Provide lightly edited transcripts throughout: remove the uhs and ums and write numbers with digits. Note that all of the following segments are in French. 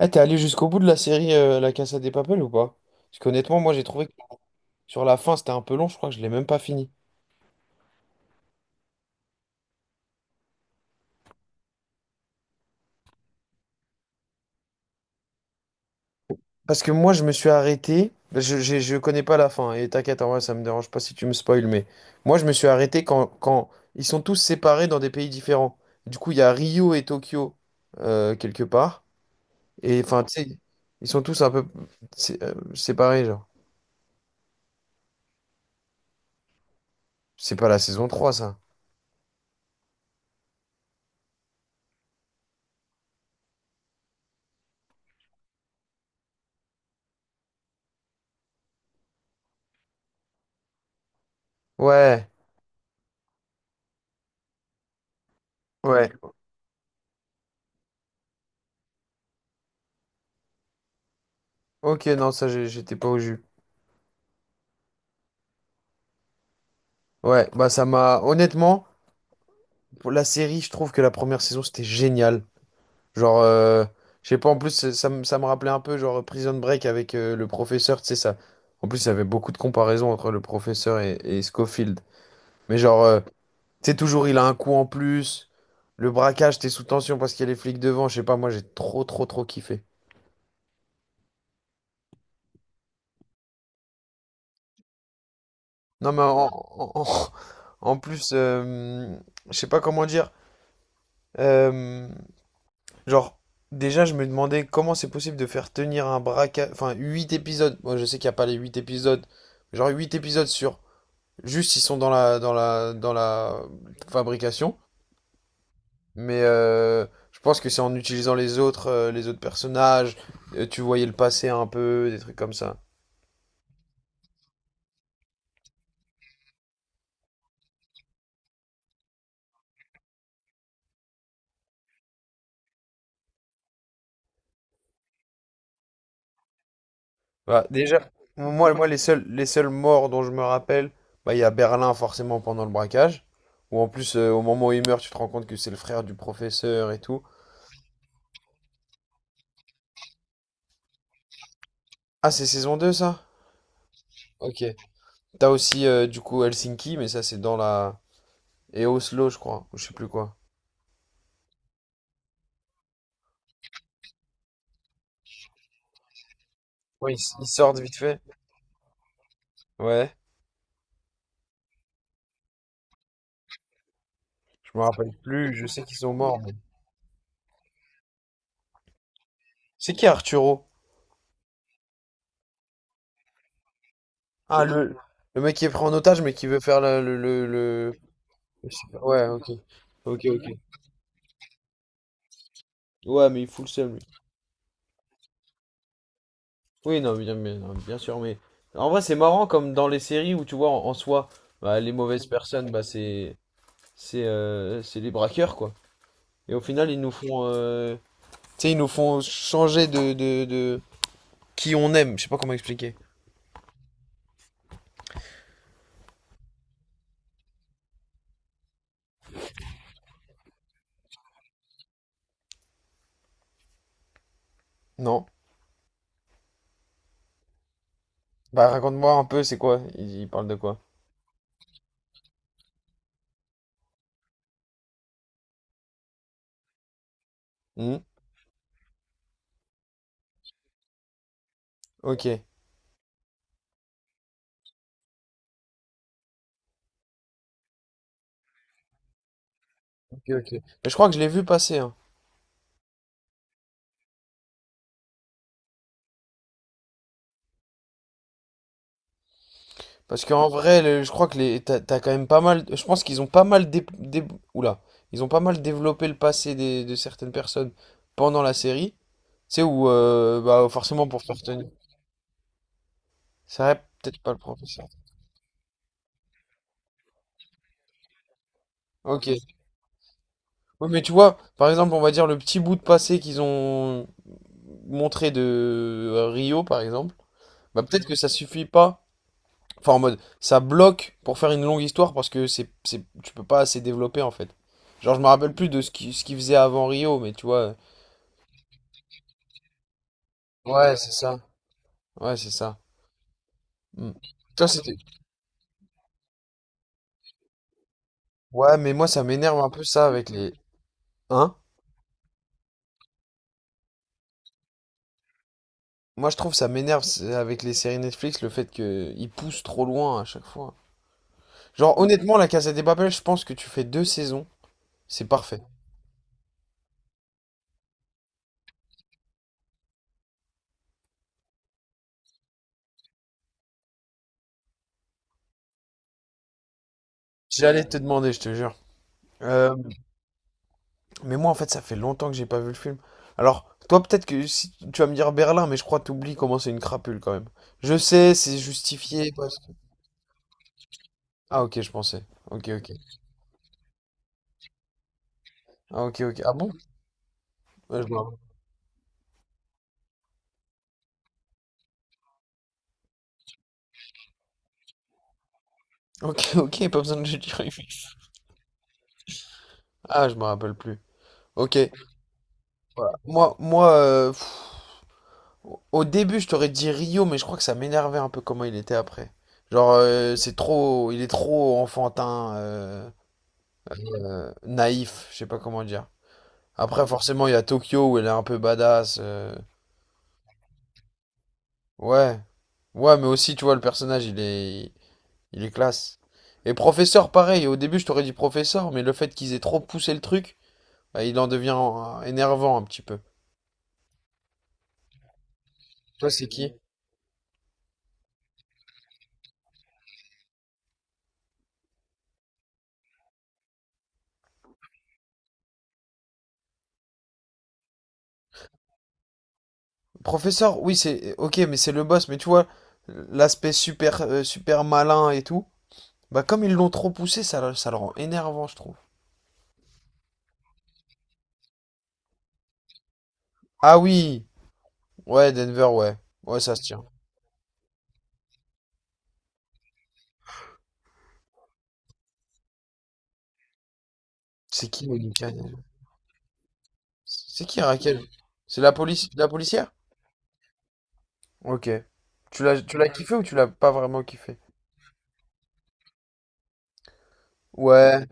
Eh, t'es allé jusqu'au bout de la série La Casa des Papel ou pas? Parce qu'honnêtement, moi j'ai trouvé que sur la fin c'était un peu long, je crois que je l'ai même pas fini. Parce que moi je me suis arrêté, bah, je connais pas la fin, hein, et t'inquiète, en vrai ça me dérange pas si tu me spoil, mais moi je me suis arrêté quand ils sont tous séparés dans des pays différents. Du coup, il y a Rio et Tokyo quelque part, et enfin tu sais, ils sont tous un peu séparés, genre. C'est pas la saison trois, ça. Ouais, ouais. Ok, non, ça j'étais pas au jus. Ouais, bah ça m'a honnêtement. Pour la série, je trouve que la première saison, c'était génial. Genre, je sais pas, en plus, ça, ça me rappelait un peu, genre, Prison Break avec le professeur, tu sais, ça. En plus, il y avait beaucoup de comparaisons entre le professeur et Scofield. Mais genre, tu sais, toujours, il a un coup en plus. Le braquage, t'es sous tension parce qu'il y a les flics devant. Je sais pas, moi, j'ai trop kiffé. Non, mais en- en plus, je sais pas comment dire. Euh, Genre, déjà, je me demandais comment c'est possible de faire tenir un braquage. Enfin, 8 épisodes. Moi, je sais qu'il n'y a pas les 8 épisodes. Genre, 8 épisodes sur. Juste, ils sont dans la fabrication. Mais je pense que c'est en utilisant les autres personnages. Tu voyais le passé un peu, des trucs comme ça. Bah, déjà, moi les seuls morts dont je me rappelle, bah, il y a Berlin, forcément, pendant le braquage. Ou en plus, au moment où il meurt, tu te rends compte que c'est le frère du professeur et tout. Ah, c'est saison 2 ça? Ok. T'as aussi du coup Helsinki, mais ça c'est dans la... Et Oslo, je crois, ou je sais plus quoi. Oui, ils sortent vite fait. Ouais, je me rappelle plus, je sais qu'ils sont morts. Mais- c'est qui Arturo? Ah, le mec qui est pris en otage, mais qui veut faire le- je- ouais, ok. Ok, ok. Ouais, mais il fout le seum, lui. Oui, non, bien, mais- non, bien sûr, mais... En vrai, c'est marrant, comme dans les séries où, tu vois, en soi, bah, les mauvaises personnes, bah, c'est... c'est les braqueurs, quoi. Et au final, ils nous font... Tu sais, ils nous font changer de qui on aime. Je sais pas comment expliquer. Non. Bah, raconte-moi un peu, c'est quoi? Ils parlent de quoi? Hmm. Ok. Ok, ok. Mais je crois que je l'ai vu passer, hein. Parce qu'en vrai, le- je crois que les, t'as quand même pas mal. Je pense qu'ils ont pas mal oula. Ils ont pas mal développé le passé des- de certaines personnes pendant la série. Tu sais, où, bah, forcément pour faire tenir. C'est vrai, peut-être pas le professeur. Ok. Oui, mais tu vois, par exemple, on va dire le petit bout de passé qu'ils ont montré de Rio, par exemple, bah peut-être que ça suffit pas. Enfin, en mode, ça bloque pour faire une longue histoire parce que tu peux pas assez développer en fait. Genre, je me rappelle plus de ce qu'il faisait avant Rio, mais tu vois. Ouais, c'est ça. Ouais, c'est ça. Mm. Toi, c'était. Ouais, mais moi, ça m'énerve un peu ça avec les. Hein? Moi, je trouve ça m'énerve c'est- avec les séries Netflix le fait que ils poussent trop loin à chaque fois. Genre, honnêtement, La Casa des Papel, je pense que tu fais deux saisons, c'est parfait. J'allais te demander, je te jure. Euh, Mais moi, en fait, ça fait longtemps que j'ai pas vu le film. Alors, toi, peut-être que si tu vas me dire Berlin, mais je crois que t'oublies comment c'est une crapule quand même. Je sais, c'est justifié parce que. Ah, ok, je pensais. Ok, ok. Ah, ok, ok. Ah bon? Ouais, je me rappelle. Ok, ok, pas besoin de le dire. Ah, je me rappelle plus. Ok. Voilà. Moi, pff, au début, je t'aurais dit Rio, mais je crois que ça m'énervait un peu comment il était après. Genre, c'est trop, il est trop enfantin, naïf, je sais pas comment dire. Après, forcément, il y a Tokyo où elle est un peu badass. Ouais. Ouais, mais aussi, tu vois, le personnage, il est classe. Et professeur, pareil. Au début, je t'aurais dit professeur, mais le fait qu'ils aient trop poussé le truc, bah, il en devient énervant un petit peu. Toi, c'est qui? Professeur, oui, c'est... Ok, mais c'est le boss. Mais tu vois, l'aspect super, super malin et tout, bah, comme ils l'ont trop poussé, ça, ça le rend énervant, je trouve. Ah oui! Ouais, Denver, ouais. Ouais, ça se tient. C'est qui, Monica? C'est qui Raquel? C'est la police, la policière? Ok. Tu l'as kiffé ou tu l'as pas vraiment kiffé? Ouais.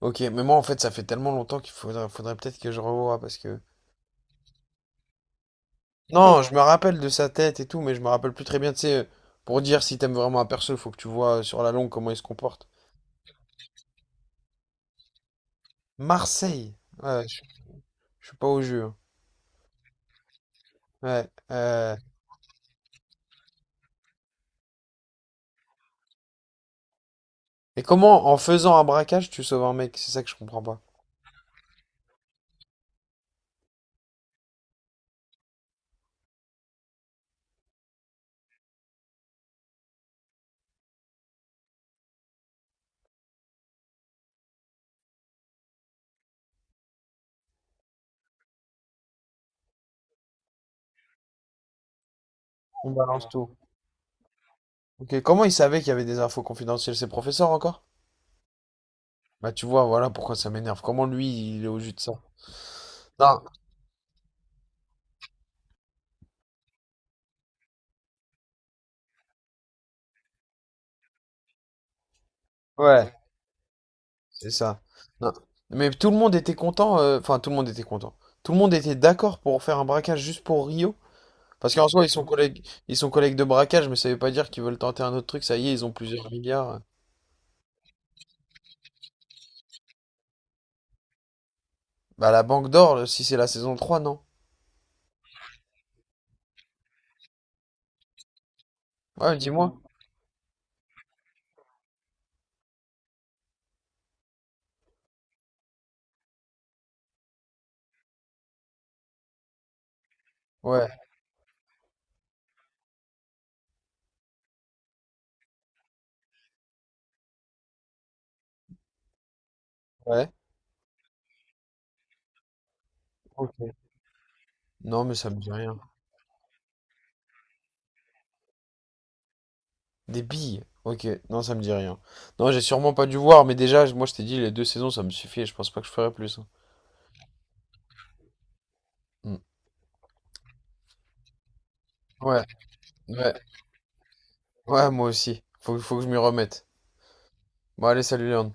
Ok, mais moi en fait ça fait tellement longtemps qu'il faudrait peut-être que je revoie parce que. Non, je me rappelle de sa tête et tout, mais je me rappelle plus très bien. Tu sais, pour dire si t'aimes vraiment un perso, faut que tu vois sur la longue comment il se comporte. Marseille. Ouais, je suis pas au jeu, hein. Ouais. Et comment en faisant un braquage tu sauves un mec? C'est ça que je comprends pas. On balance tout. Ok, comment il savait qu'il y avait des infos confidentielles, ses professeurs encore? Bah tu vois, voilà pourquoi ça m'énerve. Comment lui, il est au jus de ça? Non, ouais, c'est ça. Non. Mais tout le monde était content, enfin tout le monde était content. Tout le monde était d'accord pour faire un braquage juste pour Rio. Parce qu'en soi, ils sont collègues de braquage, mais ça veut pas dire qu'ils veulent tenter un autre truc, ça y est, ils ont plusieurs milliards. Bah, la Banque d'Or, là, si c'est la saison trois, non? Ouais, dis-moi. Ouais, ouais. Ok. Non, mais ça me dit rien. Des billes. Ok, non, ça me dit rien. Non, j'ai sûrement pas dû voir, mais déjà, moi, je t'ai dit, les deux saisons, ça me suffit, et je pense pas que je ferai plus, hein. Hmm. Ouais, ouais, ouais, moi aussi. Faut que je m'y remette. Bon, allez, salut, Léon.